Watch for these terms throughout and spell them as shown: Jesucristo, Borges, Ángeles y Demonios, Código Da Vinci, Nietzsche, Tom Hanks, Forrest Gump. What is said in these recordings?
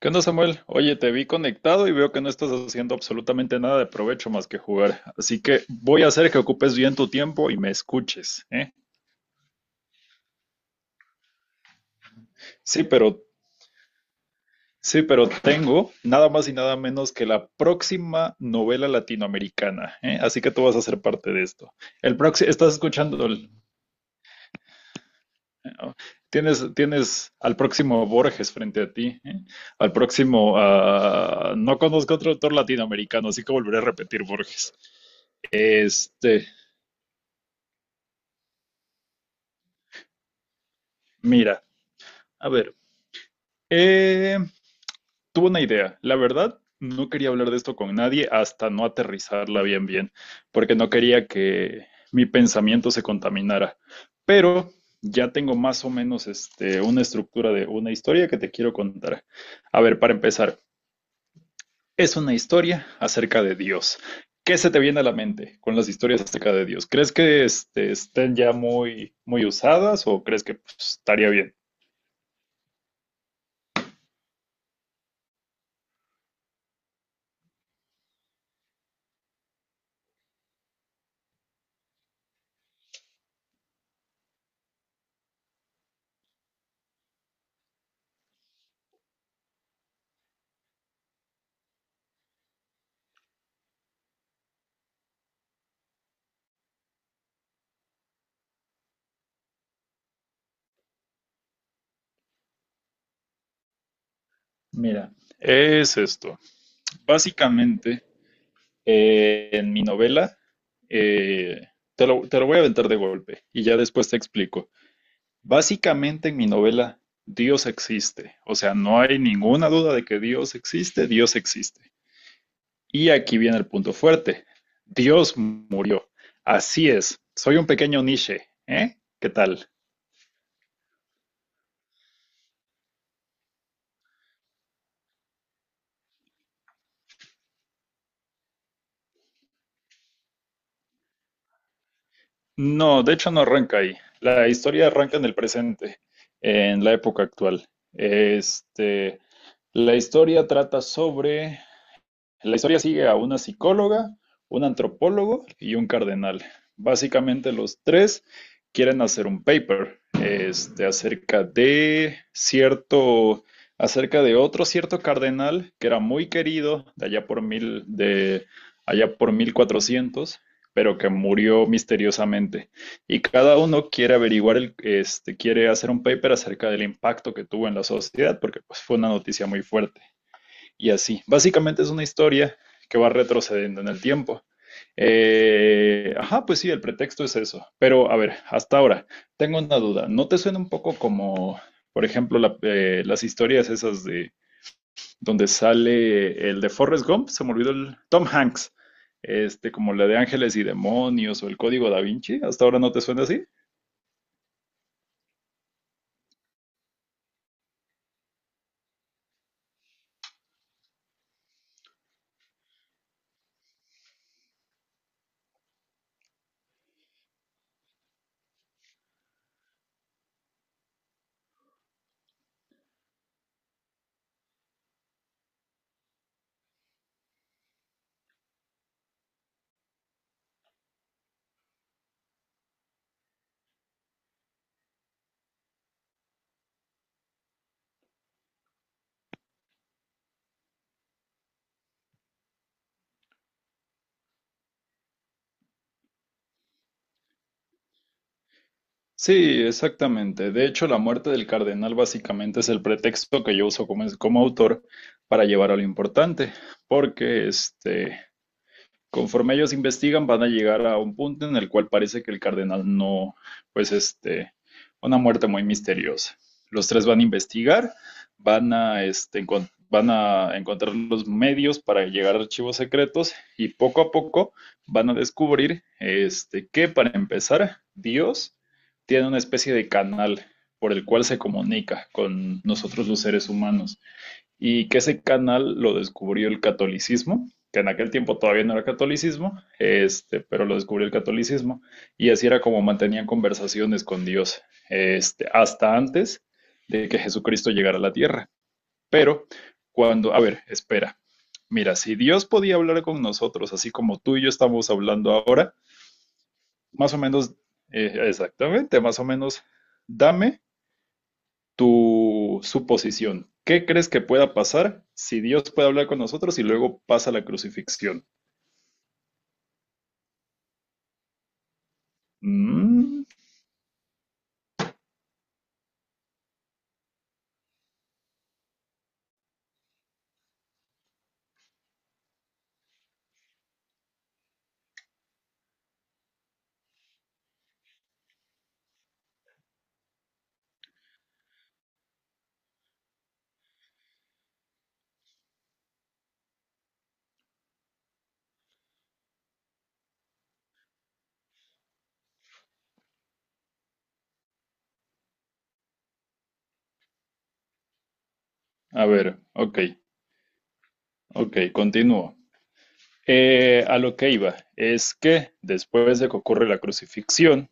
¿Qué onda, Samuel? Oye, te vi conectado y veo que no estás haciendo absolutamente nada de provecho más que jugar. Así que voy a hacer que ocupes bien tu tiempo y me escuches, ¿eh? Sí, pero, sí, pero tengo nada más y nada menos que la próxima novela latinoamericana, ¿eh? Así que tú vas a ser parte de esto. El próximo, estás escuchando, tienes al próximo Borges frente a ti, ¿eh? Al próximo, no conozco otro autor latinoamericano, así que volveré a repetir Borges. Este, mira. A ver, eh, tuve una idea. La verdad, no quería hablar de esto con nadie hasta no aterrizarla bien, bien, porque no quería que mi pensamiento se contaminara. Pero ya tengo más o menos una estructura de una historia que te quiero contar. A ver, para empezar, es una historia acerca de Dios. ¿Qué se te viene a la mente con las historias acerca de Dios? ¿Crees que estén ya muy, muy usadas o crees que pues, estaría bien? Mira, es esto. Básicamente, en mi novela, eh, te lo voy a aventar de golpe y ya después te explico. Básicamente en mi novela, Dios existe. O sea, no hay ninguna duda de que Dios existe, Dios existe. Y aquí viene el punto fuerte. Dios murió. Así es. Soy un pequeño Nietzsche. ¿Eh? ¿Qué tal? No, de hecho no arranca ahí. La historia arranca en el presente, en la época actual. Este, La historia trata sobre... La historia sigue a una psicóloga, un antropólogo y un cardenal. Básicamente los tres quieren hacer un paper acerca de acerca de otro cierto cardenal que era muy querido de allá por mil, de allá por 1400, pero que murió misteriosamente. Y cada uno quiere averiguar, quiere hacer un paper acerca del impacto que tuvo en la sociedad, porque pues, fue una noticia muy fuerte y así. Básicamente es una historia que va retrocediendo en el tiempo. Ajá, pues sí, el pretexto es eso. Pero a ver, hasta ahora, tengo una duda. ¿No te suena un poco como, por ejemplo, las historias esas de donde sale el de Forrest Gump? Se me olvidó el Tom Hanks. Como la de Ángeles y Demonios o el Código Da Vinci. ¿Hasta ahora no te suena así? Sí, exactamente. De hecho, la muerte del cardenal básicamente es el pretexto que yo uso como autor para llevar a lo importante, porque conforme ellos investigan, van a llegar a un punto en el cual parece que el cardenal no, pues una muerte muy misteriosa. Los tres van a investigar, van a, van a encontrar los medios para llegar a archivos secretos y poco a poco van a descubrir que para empezar, Dios tiene una especie de canal por el cual se comunica con nosotros los seres humanos y que ese canal lo descubrió el catolicismo, que en aquel tiempo todavía no era catolicismo, pero lo descubrió el catolicismo, y así era como mantenían conversaciones con Dios, hasta antes de que Jesucristo llegara a la tierra. Pero a ver, espera, mira, si Dios podía hablar con nosotros, así como tú y yo estamos hablando ahora, más o menos, exactamente, más o menos, dame tu suposición. ¿Qué crees que pueda pasar si Dios puede hablar con nosotros y luego pasa la crucifixión? Mm, a ver, ok, ok, continúo. A lo que iba es que después de que ocurre la crucifixión,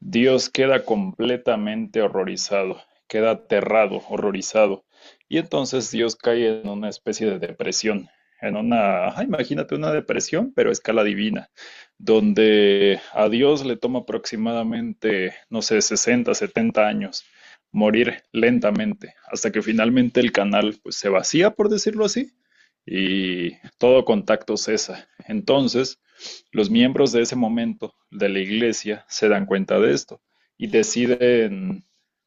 Dios queda completamente horrorizado, queda aterrado, horrorizado. Y entonces Dios cae en una especie de depresión, en una, ajá, imagínate una depresión, pero a escala divina, donde a Dios le toma aproximadamente, no sé, 60, 70 años morir lentamente, hasta que finalmente el canal pues, se vacía, por decirlo así, y todo contacto cesa. Entonces, los miembros de ese momento de la iglesia se dan cuenta de esto y deciden,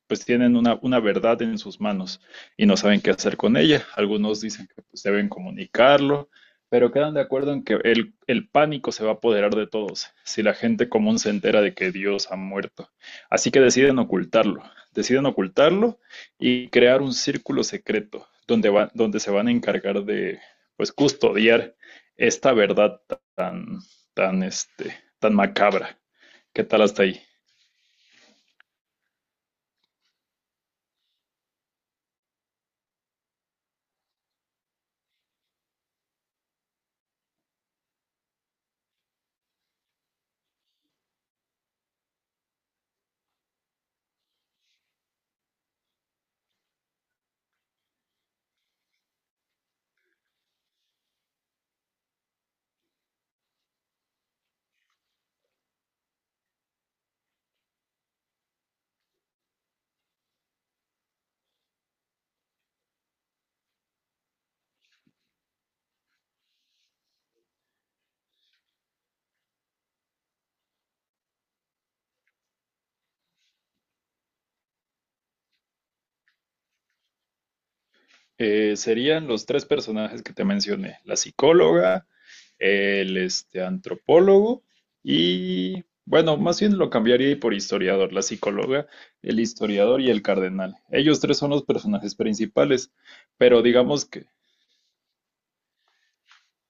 pues tienen una verdad en sus manos y no saben qué hacer con ella. Algunos dicen que pues, deben comunicarlo, pero quedan de acuerdo en que pánico se va a apoderar de todos si la gente común se entera de que Dios ha muerto. Así que deciden ocultarlo y crear un círculo secreto donde se van a encargar de, pues custodiar esta verdad tan, tan macabra. ¿Qué tal hasta ahí? Serían los tres personajes que te mencioné, la psicóloga, antropólogo y, bueno, más bien lo cambiaría por historiador, la psicóloga, el historiador y el cardenal. Ellos tres son los personajes principales, pero digamos que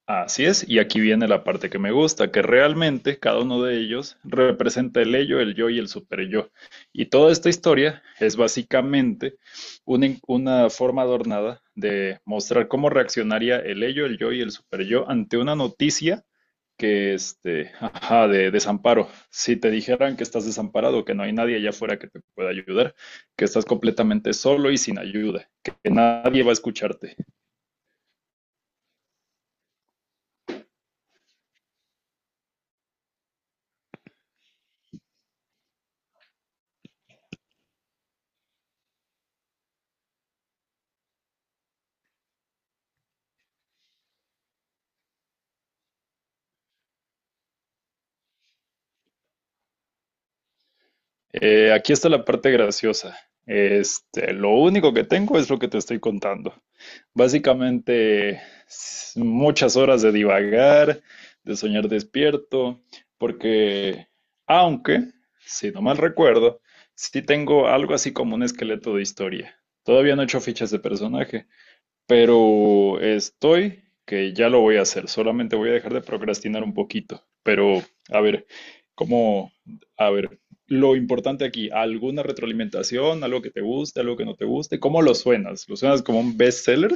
así es, y aquí viene la parte que me gusta, que realmente cada uno de ellos representa el ello, el yo y el superyo. Y toda esta historia es básicamente una forma adornada de mostrar cómo reaccionaría el ello, el yo y el superyo ante una noticia que, ajá, de desamparo. Si te dijeran que estás desamparado, que no hay nadie allá afuera que te pueda ayudar, que estás completamente solo y sin ayuda, que nadie va a escucharte. Aquí está la parte graciosa. Lo único que tengo es lo que te estoy contando. Básicamente, muchas horas de divagar, de soñar despierto, porque, aunque, si no mal recuerdo, sí tengo algo así como un esqueleto de historia. Todavía no he hecho fichas de personaje, pero estoy que ya lo voy a hacer, solamente voy a dejar de procrastinar un poquito. Pero, a ver, ¿cómo? A ver, lo importante aquí, ¿alguna retroalimentación? ¿Algo que te guste, algo que no te guste? ¿Cómo lo suenas? ¿Lo suenas como un bestseller?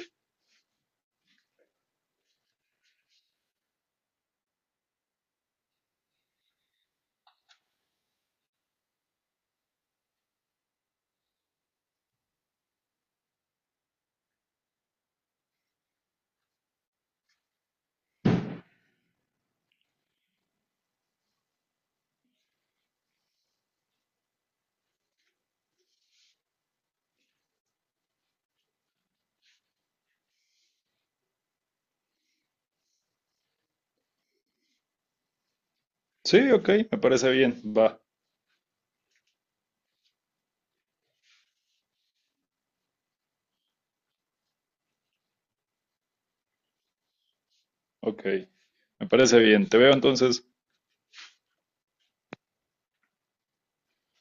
Sí, ok, me parece bien, va, ok, me parece bien. Te veo entonces.